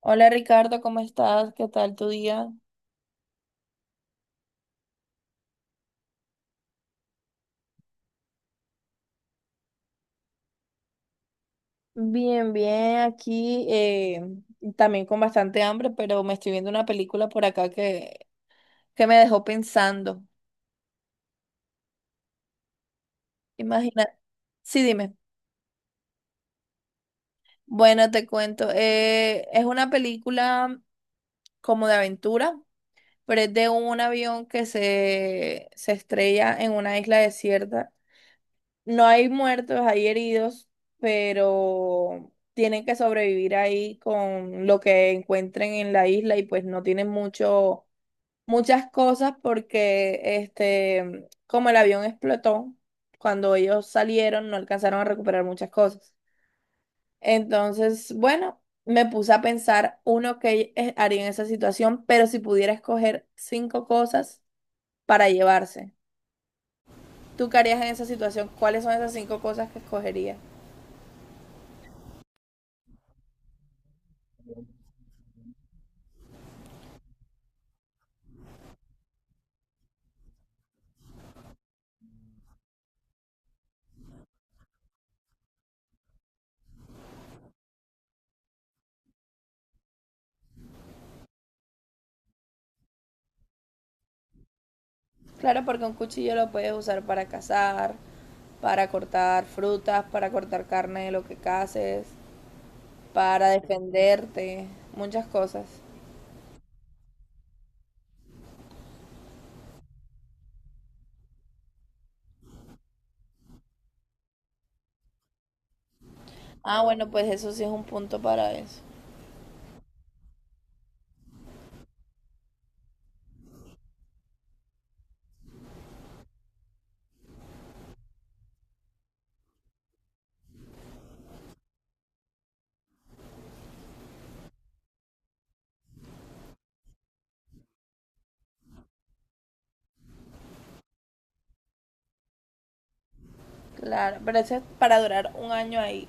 Hola Ricardo, ¿cómo estás? ¿Qué tal tu día? Bien, bien, aquí también con bastante hambre, pero me estoy viendo una película por acá que me dejó pensando. Imagina, sí, dime. Bueno, te cuento, es una película como de aventura, pero es de un avión que se estrella en una isla desierta. No hay muertos, hay heridos, pero tienen que sobrevivir ahí con lo que encuentren en la isla y pues no tienen muchas cosas porque este, como el avión explotó, cuando ellos salieron no alcanzaron a recuperar muchas cosas. Entonces, bueno, me puse a pensar uno que haría en esa situación, pero si pudiera escoger cinco cosas para llevarse. ¿Tú qué harías en esa situación? ¿Cuáles son esas cinco cosas que escogerías? Claro, porque un cuchillo lo puedes usar para cazar, para cortar frutas, para cortar carne de lo que caces, para defenderte, muchas cosas. Ah, bueno, pues eso sí es un punto para eso. Claro, pero eso es para durar un año ahí.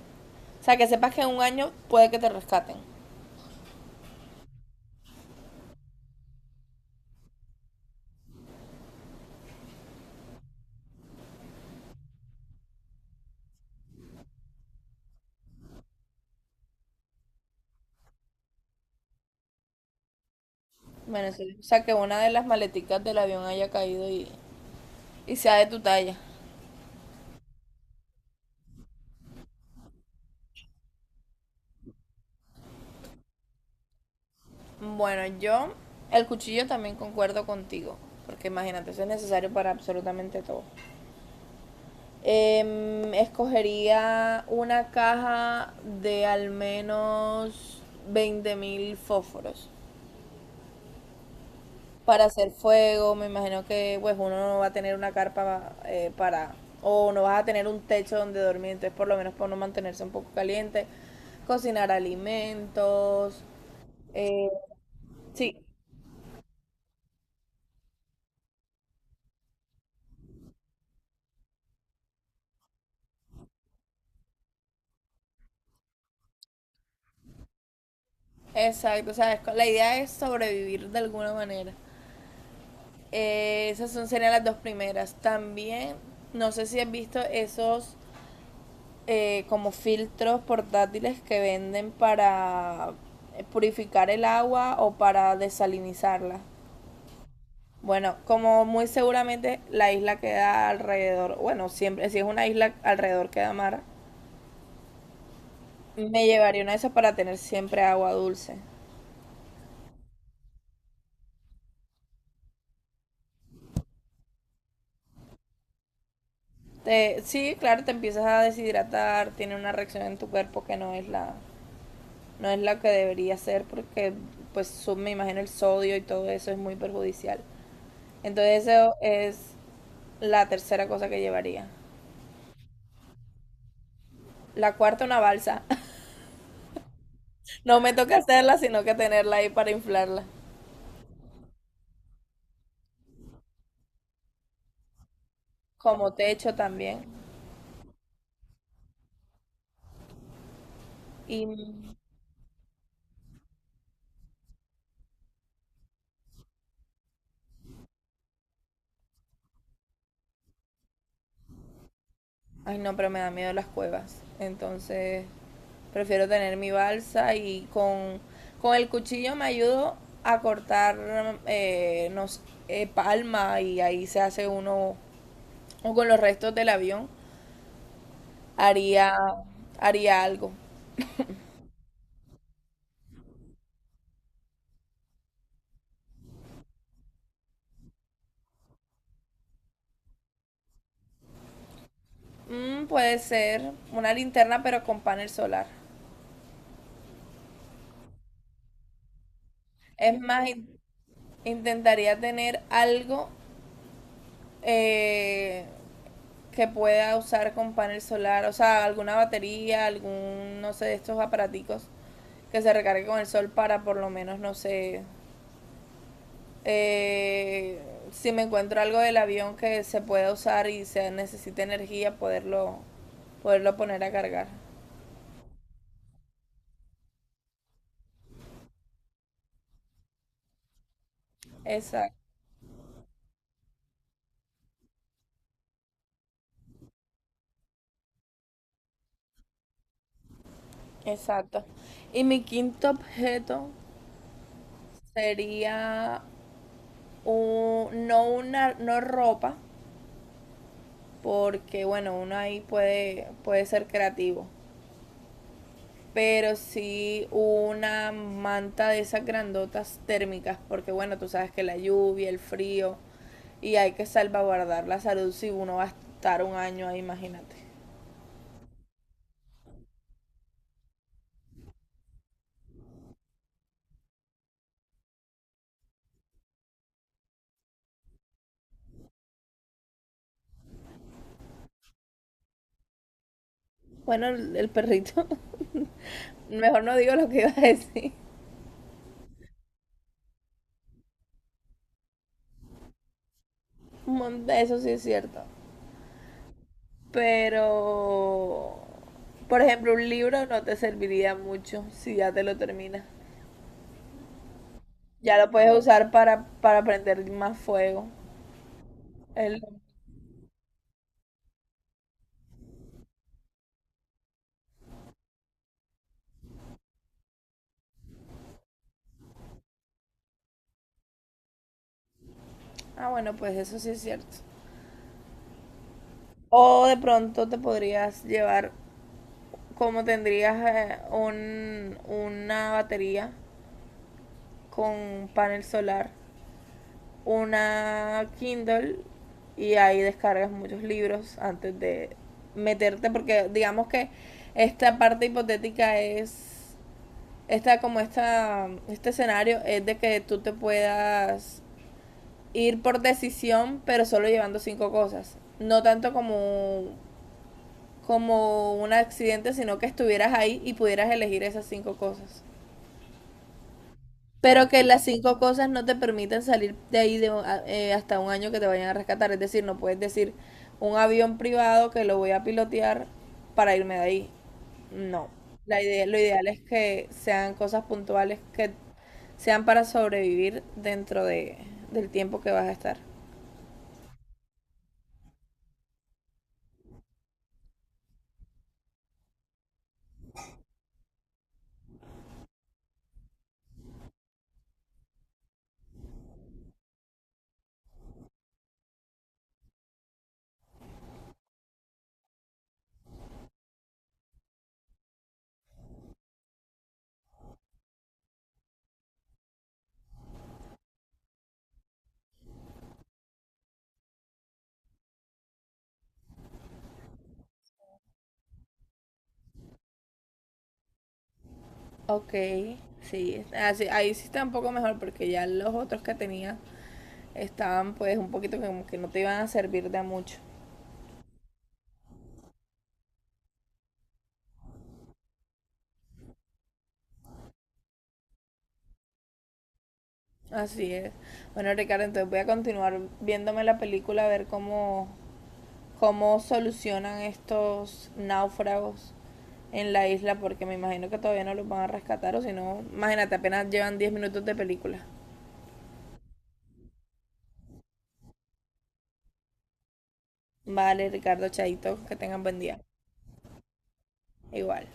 O sea, que sepas que en un año puede que te rescaten. Bueno, sí. O sea, que una de las maleticas del avión haya caído y sea de tu talla. Bueno, yo el cuchillo también concuerdo contigo, porque imagínate, eso es necesario para absolutamente todo. Escogería una caja de al menos 20.000 fósforos para hacer fuego. Me imagino que pues uno no va a tener una carpa para o no vas a tener un techo donde dormir, entonces por lo menos para no mantenerse un poco caliente, cocinar alimentos. eh, sí, exacto. O sea, es la idea es sobrevivir de alguna manera. Esas son, serían las dos primeras. También, no sé si has visto esos como filtros portátiles que venden para purificar el agua o para desalinizarla. Bueno, como muy seguramente la isla queda alrededor, bueno, siempre, si es una isla alrededor queda mar, me llevaría una de esas para tener siempre agua dulce. Sí, claro, te empiezas a deshidratar, tiene una reacción en tu cuerpo que no es la que debería ser porque pues me imagino el sodio y todo eso es muy perjudicial. Entonces eso es la tercera cosa que llevaría. La cuarta, una balsa. No me toca hacerla, sino que tenerla ahí para inflarla. Como techo también. Y ay no, pero me da miedo las cuevas. Entonces, prefiero tener mi balsa y con el cuchillo me ayudo a cortar no sé, palma y ahí se hace uno, o con los restos del avión, haría, haría algo. Puede ser una linterna pero con panel solar. Es más, intentaría tener algo eh, que pueda usar con panel solar, o sea, alguna batería, algún, no sé, de estos aparaticos que se recargue con el sol para por lo menos, no sé, eh, si me encuentro algo del avión que se pueda usar y se necesite energía, poderlo poner a cargar. Exacto, exacto. Y mi quinto objeto sería un- no una no ropa, porque bueno, uno ahí puede, puede ser creativo, pero sí una manta de esas grandotas térmicas, porque bueno, tú sabes que la lluvia, el frío, y hay que salvaguardar la salud si uno va a estar un año ahí, imagínate. Bueno, el perrito. Mejor no digo lo que iba a decir. Eso sí es cierto. Pero, por ejemplo, un libro no te serviría mucho si ya te lo terminas. Ya lo puedes usar para prender más fuego. El- Ah, bueno, pues eso sí es cierto. O de pronto te podrías llevar, como tendrías una batería con panel solar. Una Kindle y ahí descargas muchos libros antes de meterte, porque digamos que esta parte hipotética es, este escenario es de que tú te puedas ir por decisión, pero solo llevando cinco cosas. No tanto como como un accidente, sino que estuvieras ahí y pudieras elegir esas cinco cosas. Pero que las cinco cosas no te permiten salir de ahí hasta un año que te vayan a rescatar. Es decir, no puedes decir un avión privado que lo voy a pilotear para irme de ahí. No. La idea, lo ideal es que sean cosas puntuales que sean para sobrevivir dentro de, del tiempo que vas a estar. Ok, sí. Así, ahí sí está un poco mejor porque ya los otros que tenía estaban pues un poquito como que no te iban a servir de mucho. Así es. Bueno, Ricardo, entonces voy a continuar viéndome la película a ver cómo cómo solucionan estos náufragos en la isla, porque me imagino que todavía no los van a rescatar, o si no, imagínate, apenas llevan 10 minutos de película. Vale, Ricardo, chaito, que tengan buen día. Igual.